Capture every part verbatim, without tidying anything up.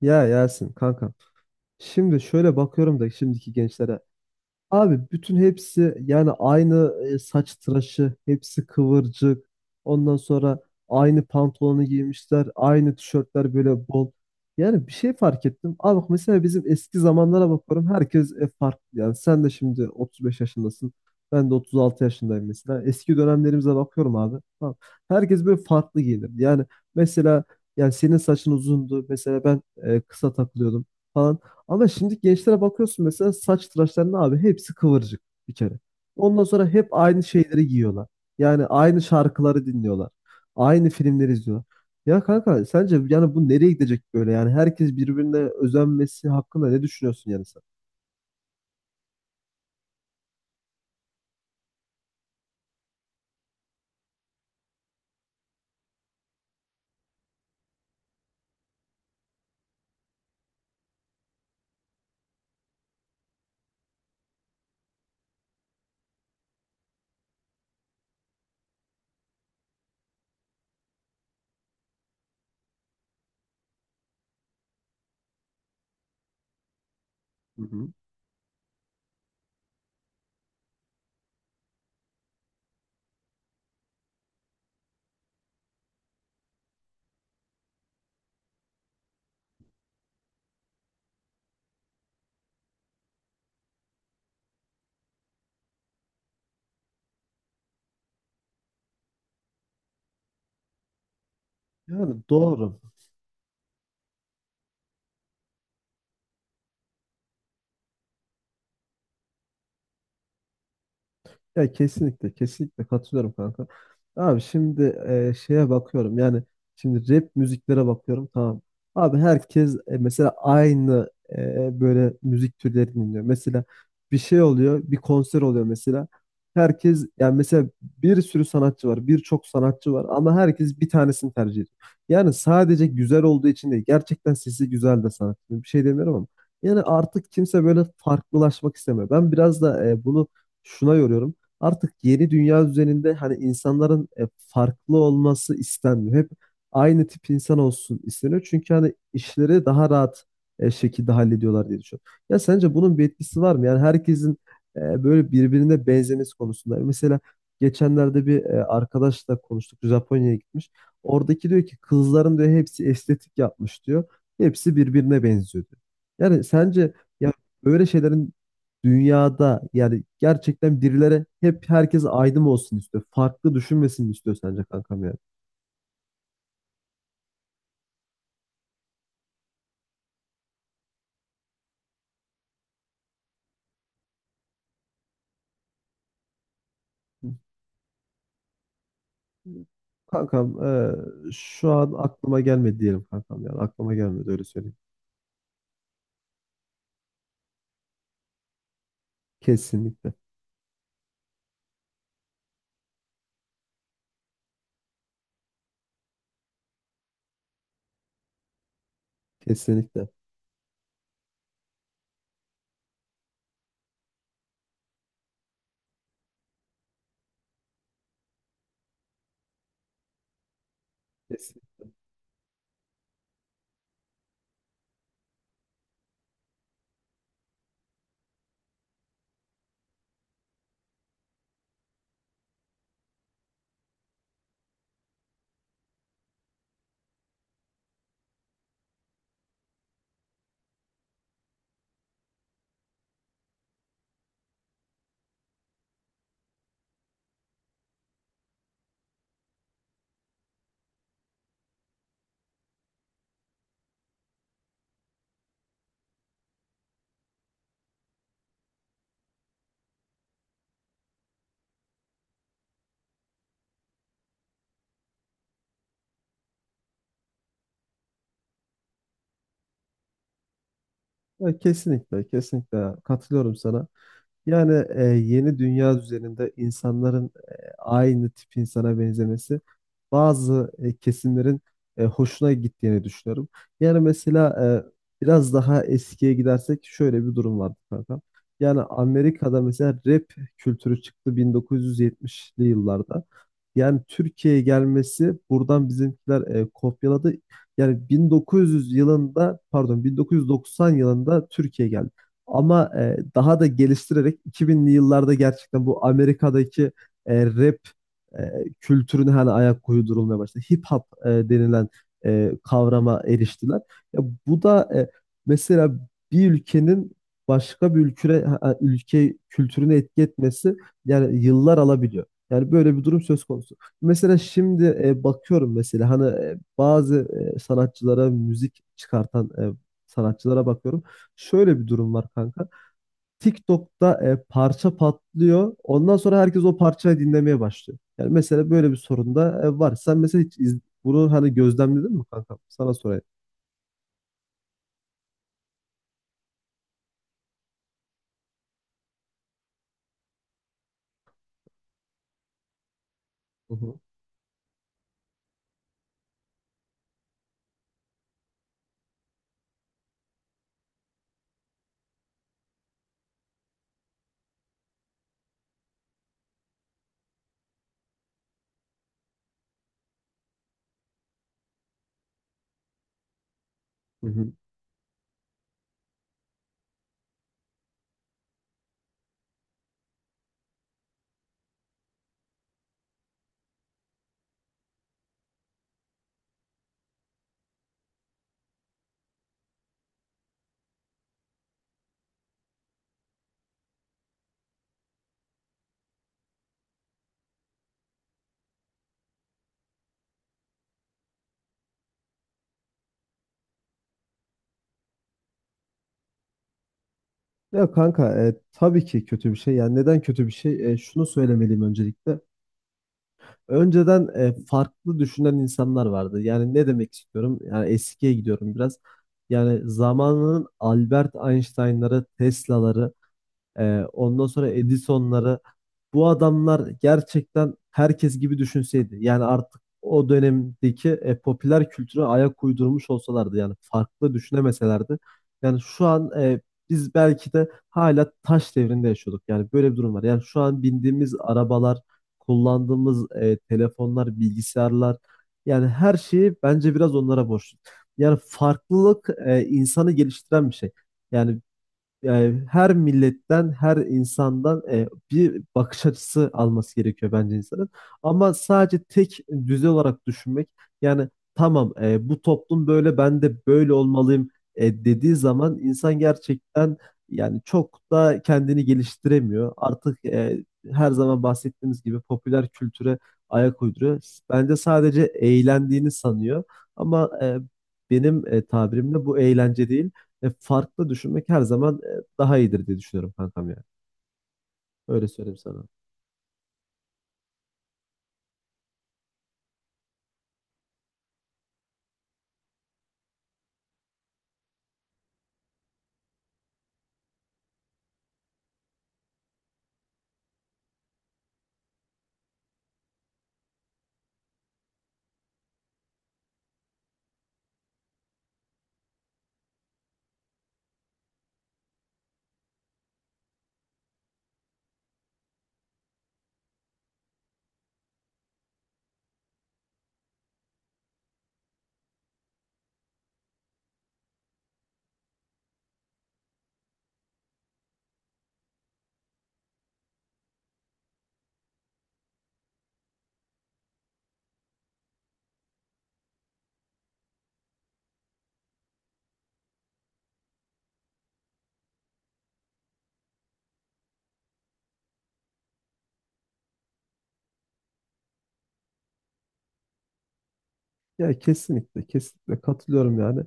Ya Yasin kankam. Şimdi şöyle bakıyorum da şimdiki gençlere. Abi bütün hepsi yani aynı e, saç tıraşı, hepsi kıvırcık. Ondan sonra aynı pantolonu giymişler, aynı tişörtler böyle bol. Yani bir şey fark ettim. Abi bak mesela bizim eski zamanlara bakıyorum herkes e, farklı. Yani sen de şimdi otuz beş yaşındasın. Ben de otuz altı yaşındayım mesela. Eski dönemlerimize bakıyorum abi. Tamam. Herkes böyle farklı giyinirdi. Yani mesela yani senin saçın uzundu. Mesela ben e, kısa takılıyordum falan. Ama şimdi gençlere bakıyorsun mesela saç tıraşlarına abi hepsi kıvırcık bir kere. Ondan sonra hep aynı şeyleri giyiyorlar. Yani aynı şarkıları dinliyorlar. Aynı filmleri izliyorlar. Ya kanka sence yani bu nereye gidecek böyle? Yani herkes birbirine özenmesi hakkında ne düşünüyorsun yani sen? Hı hı. Yani doğru. Ya kesinlikle kesinlikle katılıyorum kanka. Abi şimdi e, şeye bakıyorum yani şimdi rap müziklere bakıyorum tamam. Abi herkes e, mesela aynı e, böyle müzik türleri dinliyor. Mesela bir şey oluyor bir konser oluyor mesela. Herkes yani mesela bir sürü sanatçı var birçok sanatçı var ama herkes bir tanesini tercih ediyor. Yani sadece güzel olduğu için değil gerçekten sesi güzel de sanatçı. Bir şey demiyorum ama. Yani artık kimse böyle farklılaşmak istemiyor. Ben biraz da e, bunu şuna yoruyorum. Artık yeni dünya düzeninde hani insanların e, farklı olması istenmiyor. Hep aynı tip insan olsun isteniyor. Çünkü hani işleri daha rahat e, şekilde hallediyorlar diye düşünüyorum. Ya sence bunun bir etkisi var mı? Yani herkesin e, böyle birbirine benzemesi konusunda. Mesela geçenlerde bir e, arkadaşla konuştuk. Japonya'ya gitmiş. Oradaki diyor ki kızların diyor hepsi estetik yapmış diyor. Hepsi birbirine benziyor diyor. Yani sence ya böyle şeylerin dünyada yani gerçekten birilere hep herkes aydın olsun istiyor. Farklı düşünmesini istiyor sence kankam yani. Kankam e, şu an aklıma gelmedi diyelim kankam yani aklıma gelmedi öyle söyleyeyim. Kesinlikle. Kesinlikle. Kesinlikle. Ya kesinlikle, kesinlikle katılıyorum sana. Yani e, yeni dünya düzeninde insanların e, aynı tip insana benzemesi bazı e, kesimlerin e, hoşuna gittiğini düşünüyorum. Yani mesela e, biraz daha eskiye gidersek şöyle bir durum vardı kanka. Yani Amerika'da mesela rap kültürü çıktı bin dokuz yüz yetmişli yıllarda. Yani Türkiye'ye gelmesi buradan bizimkiler e, kopyaladı. Yani bin dokuz yüz yılında pardon bin dokuz yüz doksan yılında Türkiye geldi. Ama e, daha da geliştirerek iki binli yıllarda gerçekten bu Amerika'daki e, rap e, kültürüne hani ayak uydurulmaya başladı. Hip hop e, denilen e, kavrama eriştiler. Ya bu da e, mesela bir ülkenin başka bir ülküre, ha- ülke kültürüne etki etmesi yani yıllar alabiliyor. Yani böyle bir durum söz konusu. Mesela şimdi e, bakıyorum mesela hani e, bazı e, sanatçılara müzik çıkartan e, sanatçılara bakıyorum. Şöyle bir durum var kanka. TikTok'ta e, parça patlıyor. Ondan sonra herkes o parçayı dinlemeye başlıyor. Yani mesela böyle bir sorun da e, var. Sen mesela hiç iz- bunu hani gözlemledin mi kanka? Sana sorayım. Hı hı. Hı hı. Ya kanka e, tabii ki kötü bir şey. Yani neden kötü bir şey? E, şunu söylemeliyim öncelikle. Önceden e, farklı düşünen insanlar vardı. Yani ne demek istiyorum? Yani eskiye gidiyorum biraz. Yani zamanının Albert Einstein'ları, Tesla'ları ee, ondan sonra Edison'ları bu adamlar gerçekten herkes gibi düşünseydi. Yani artık o dönemdeki e, popüler kültüre ayak uydurmuş olsalardı yani farklı düşünemeselerdi. Yani şu an e, biz belki de hala taş devrinde yaşıyorduk. Yani böyle bir durum var. Yani şu an bindiğimiz arabalar, kullandığımız e, telefonlar, bilgisayarlar yani her şeyi bence biraz onlara borçlu. Yani farklılık e, insanı geliştiren bir şey. Yani yani her milletten, her insandan e, bir bakış açısı alması gerekiyor bence insanın. Ama sadece tek düze olarak düşünmek, yani tamam e, bu toplum böyle, ben de böyle olmalıyım e, dediği zaman insan gerçekten yani çok da kendini geliştiremiyor. Artık e, her zaman bahsettiğimiz gibi popüler kültüre ayak uyduruyor. Bence sadece eğlendiğini sanıyor. Ama e, benim e, tabirimle bu eğlence değil. E, farklı düşünmek her zaman daha iyidir diye düşünüyorum kankam yani. Öyle söyleyeyim sana. Ya kesinlikle kesinlikle katılıyorum yani.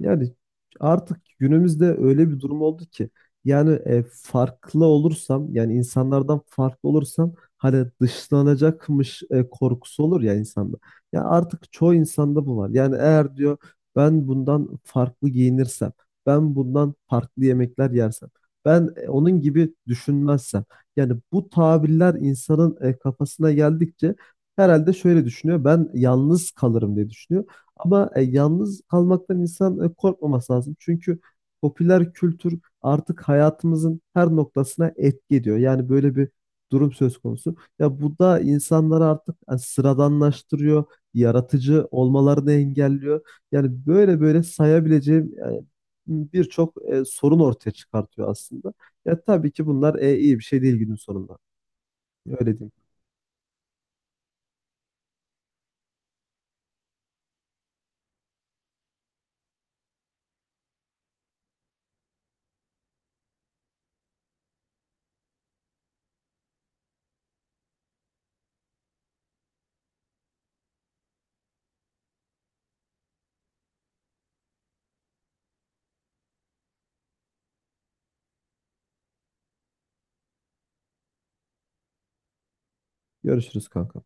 Yani artık günümüzde öyle bir durum oldu ki yani e, farklı olursam yani insanlardan farklı olursam hani dışlanacakmış e, korkusu olur ya insanda. Ya artık çoğu insanda bu var. Yani eğer diyor ben bundan farklı giyinirsem, ben bundan farklı yemekler yersem, ben e, onun gibi düşünmezsem. Yani bu tabirler insanın e, kafasına geldikçe herhalde şöyle düşünüyor. Ben yalnız kalırım diye düşünüyor. Ama e, yalnız kalmaktan insan e, korkmaması lazım. Çünkü popüler kültür artık hayatımızın her noktasına etki ediyor. Yani böyle bir durum söz konusu. Ya bu da insanları artık e, sıradanlaştırıyor, yaratıcı olmalarını engelliyor. Yani böyle böyle sayabileceğim e, birçok e, sorun ortaya çıkartıyor aslında. Ya tabii ki bunlar e, iyi bir şey değil günün sonunda. Öyle diyeyim. Görüşürüz kanka.